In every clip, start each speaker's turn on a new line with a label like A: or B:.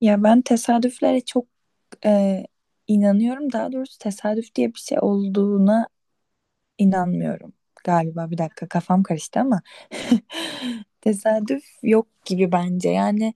A: Ya ben tesadüflere çok e, inanıyorum. Daha doğrusu tesadüf diye bir şey olduğuna inanmıyorum galiba. Bir dakika kafam karıştı ama tesadüf yok gibi bence.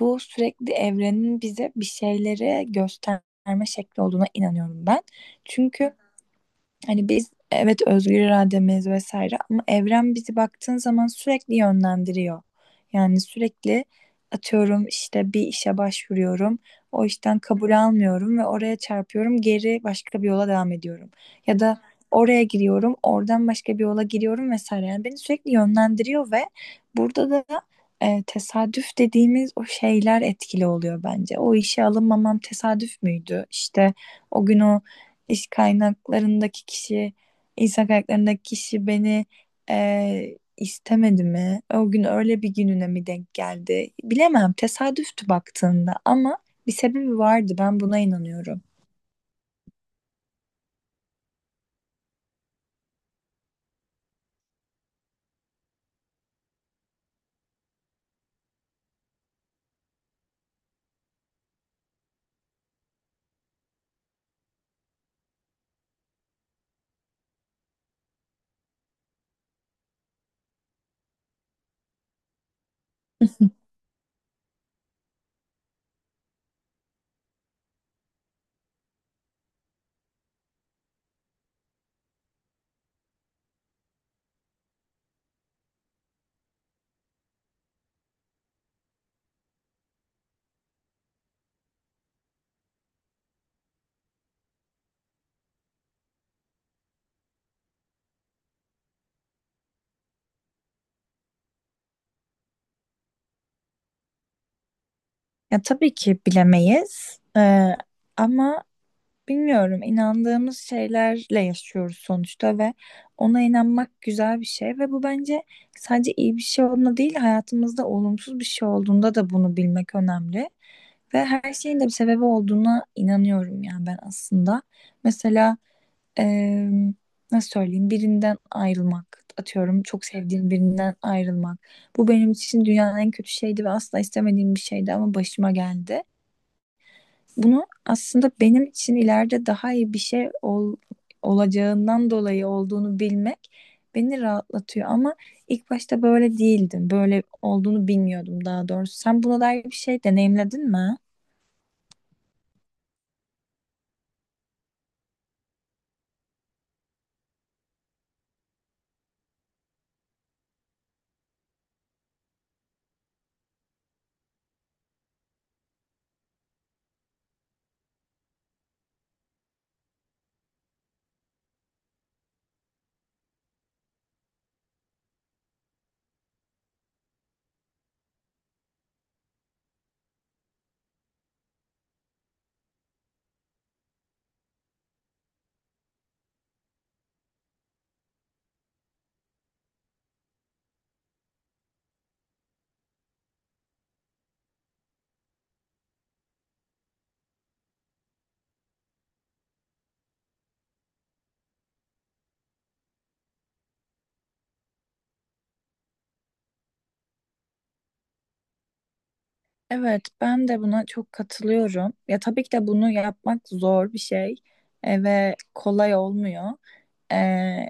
A: Bu sürekli evrenin bize bir şeyleri gösterme şekli olduğuna inanıyorum ben. Çünkü hani biz, evet, özgür irademiz vesaire, ama evren bizi baktığın zaman sürekli yönlendiriyor. Yani sürekli atıyorum, işte bir işe başvuruyorum. O işten kabul almıyorum ve oraya çarpıyorum. Geri başka bir yola devam ediyorum. Ya da oraya giriyorum, oradan başka bir yola giriyorum vesaire. Yani beni sürekli yönlendiriyor ve burada da tesadüf dediğimiz o şeyler etkili oluyor bence. O işe alınmamam tesadüf müydü? İşte o gün o iş kaynaklarındaki kişi, insan kaynaklarındaki kişi beni istemedi mi? O gün öyle bir gününe mi denk geldi? Bilemem. Tesadüftü baktığında ama bir sebebi vardı. Ben buna inanıyorum. Ya tabii ki bilemeyiz. Ama bilmiyorum, inandığımız şeylerle yaşıyoruz sonuçta ve ona inanmak güzel bir şey, ve bu bence sadece iyi bir şey olduğunda değil, hayatımızda olumsuz bir şey olduğunda da bunu bilmek önemli. Ve her şeyin de bir sebebi olduğuna inanıyorum yani ben aslında. Mesela eee, nasıl söyleyeyim, birinden ayrılmak, atıyorum çok sevdiğim birinden ayrılmak. Bu benim için dünyanın en kötü şeydi ve asla istemediğim bir şeydi ama başıma geldi. Bunu aslında benim için ileride daha iyi bir şey olacağından dolayı olduğunu bilmek beni rahatlatıyor. Ama ilk başta böyle değildim. Böyle olduğunu bilmiyordum daha doğrusu. Sen buna dair bir şey deneyimledin mi? Evet, ben de buna çok katılıyorum. Ya tabii ki de bunu yapmak zor bir şey, ve kolay olmuyor.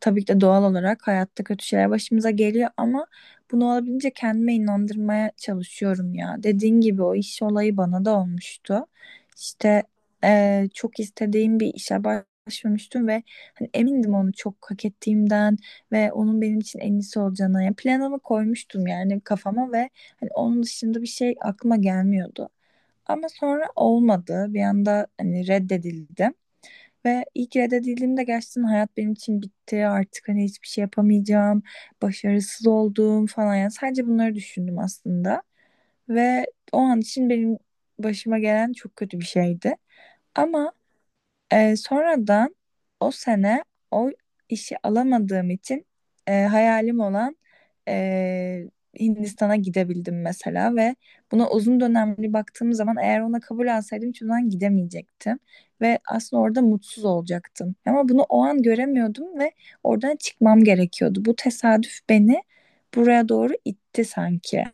A: Tabii ki de doğal olarak hayatta kötü şeyler başımıza geliyor, ama bunu olabildiğince kendime inandırmaya çalışıyorum ya. Dediğin gibi o iş olayı bana da olmuştu. İşte çok istediğim bir işe başvurmuştum ve hani emindim onu çok hak ettiğimden ve onun benim için en iyisi olacağına. Yani planımı koymuştum yani kafama, ve hani onun dışında bir şey aklıma gelmiyordu. Ama sonra olmadı. Bir anda hani reddedildim. Ve ilk reddedildiğimde gerçekten hayat benim için bitti. Artık hani hiçbir şey yapamayacağım. Başarısız oldum falan. Yani sadece bunları düşündüm aslında. Ve o an için benim başıma gelen çok kötü bir şeydi. Ama sonradan o sene o işi alamadığım için hayalim olan, e, Hindistan'a gidebildim mesela, ve buna uzun dönemli baktığım zaman eğer ona kabul alsaydım hiçbir zaman gidemeyecektim ve aslında orada mutsuz olacaktım. Ama bunu o an göremiyordum ve oradan çıkmam gerekiyordu. Bu tesadüf beni buraya doğru itti sanki.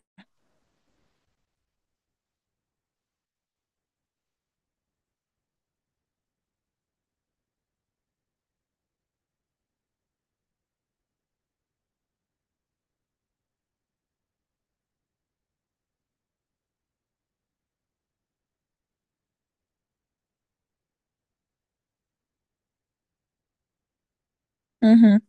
A: Hı hı,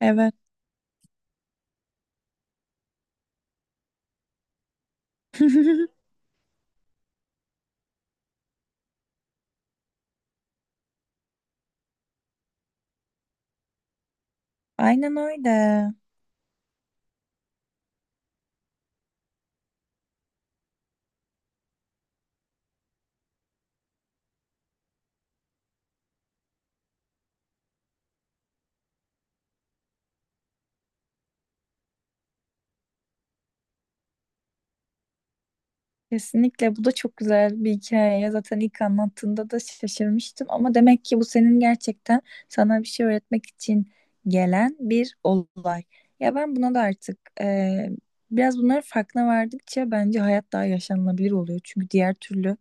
A: evet. Aynen öyle. Kesinlikle bu da çok güzel bir hikaye. Zaten ilk anlattığında da şaşırmıştım, ama demek ki bu senin gerçekten sana bir şey öğretmek için gelen bir olay. Ya ben buna da artık biraz bunların farkına vardıkça bence hayat daha yaşanılabilir oluyor. Çünkü diğer türlü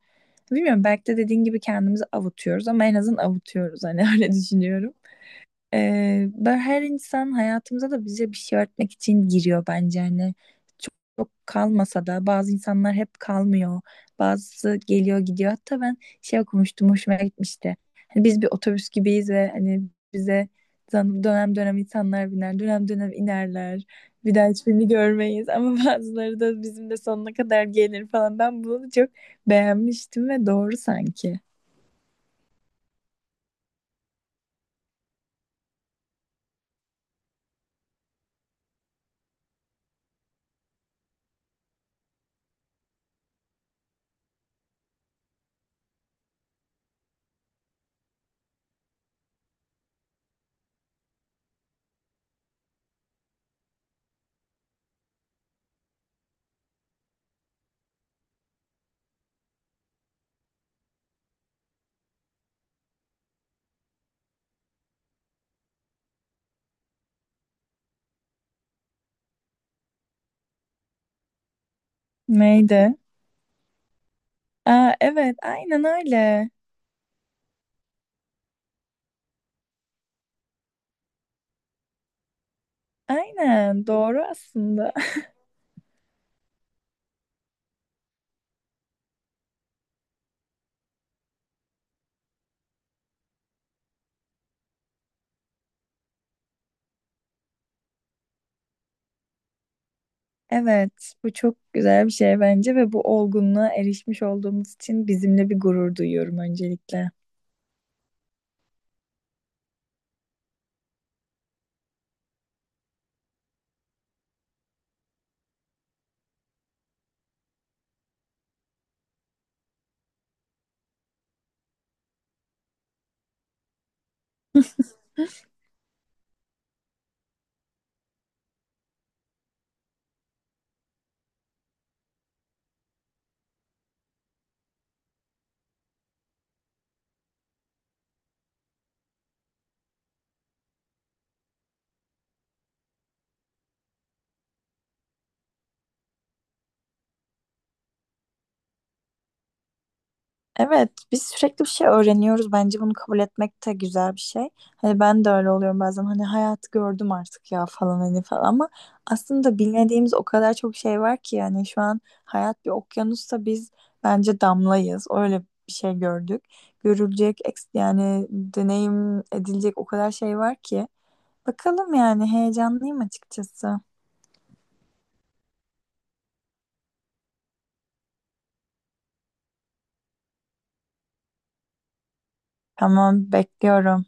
A: bilmiyorum, belki de dediğin gibi kendimizi avutuyoruz ama en azından avutuyoruz hani. Öyle düşünüyorum. Ben her insan hayatımıza da bize bir şey öğretmek için giriyor bence, hani çok, çok kalmasa da. Bazı insanlar hep kalmıyor, bazısı geliyor gidiyor. Hatta ben şey okumuştum, hoşuma gitmişti: hani biz bir otobüs gibiyiz ve hani bize dönem dönem insanlar biner, dönem dönem inerler, bir daha hiçbirini görmeyiz, ama bazıları da bizim de sonuna kadar gelir falan. Ben bunu çok beğenmiştim ve doğru sanki. Neydi? Aa, evet aynen öyle. Aynen doğru aslında. Evet, bu çok güzel bir şey bence, ve bu olgunluğa erişmiş olduğumuz için bizimle bir gurur duyuyorum öncelikle. Evet, biz sürekli bir şey öğreniyoruz bence, bunu kabul etmek de güzel bir şey. Hani ben de öyle oluyorum bazen, hani hayatı gördüm artık ya falan, hani falan, ama aslında bilmediğimiz o kadar çok şey var ki. Yani şu an hayat bir okyanusta biz bence damlayız, öyle bir şey gördük. Görülecek yani deneyim edilecek o kadar şey var ki. Bakalım, yani heyecanlıyım açıkçası. Tamam, bekliyorum.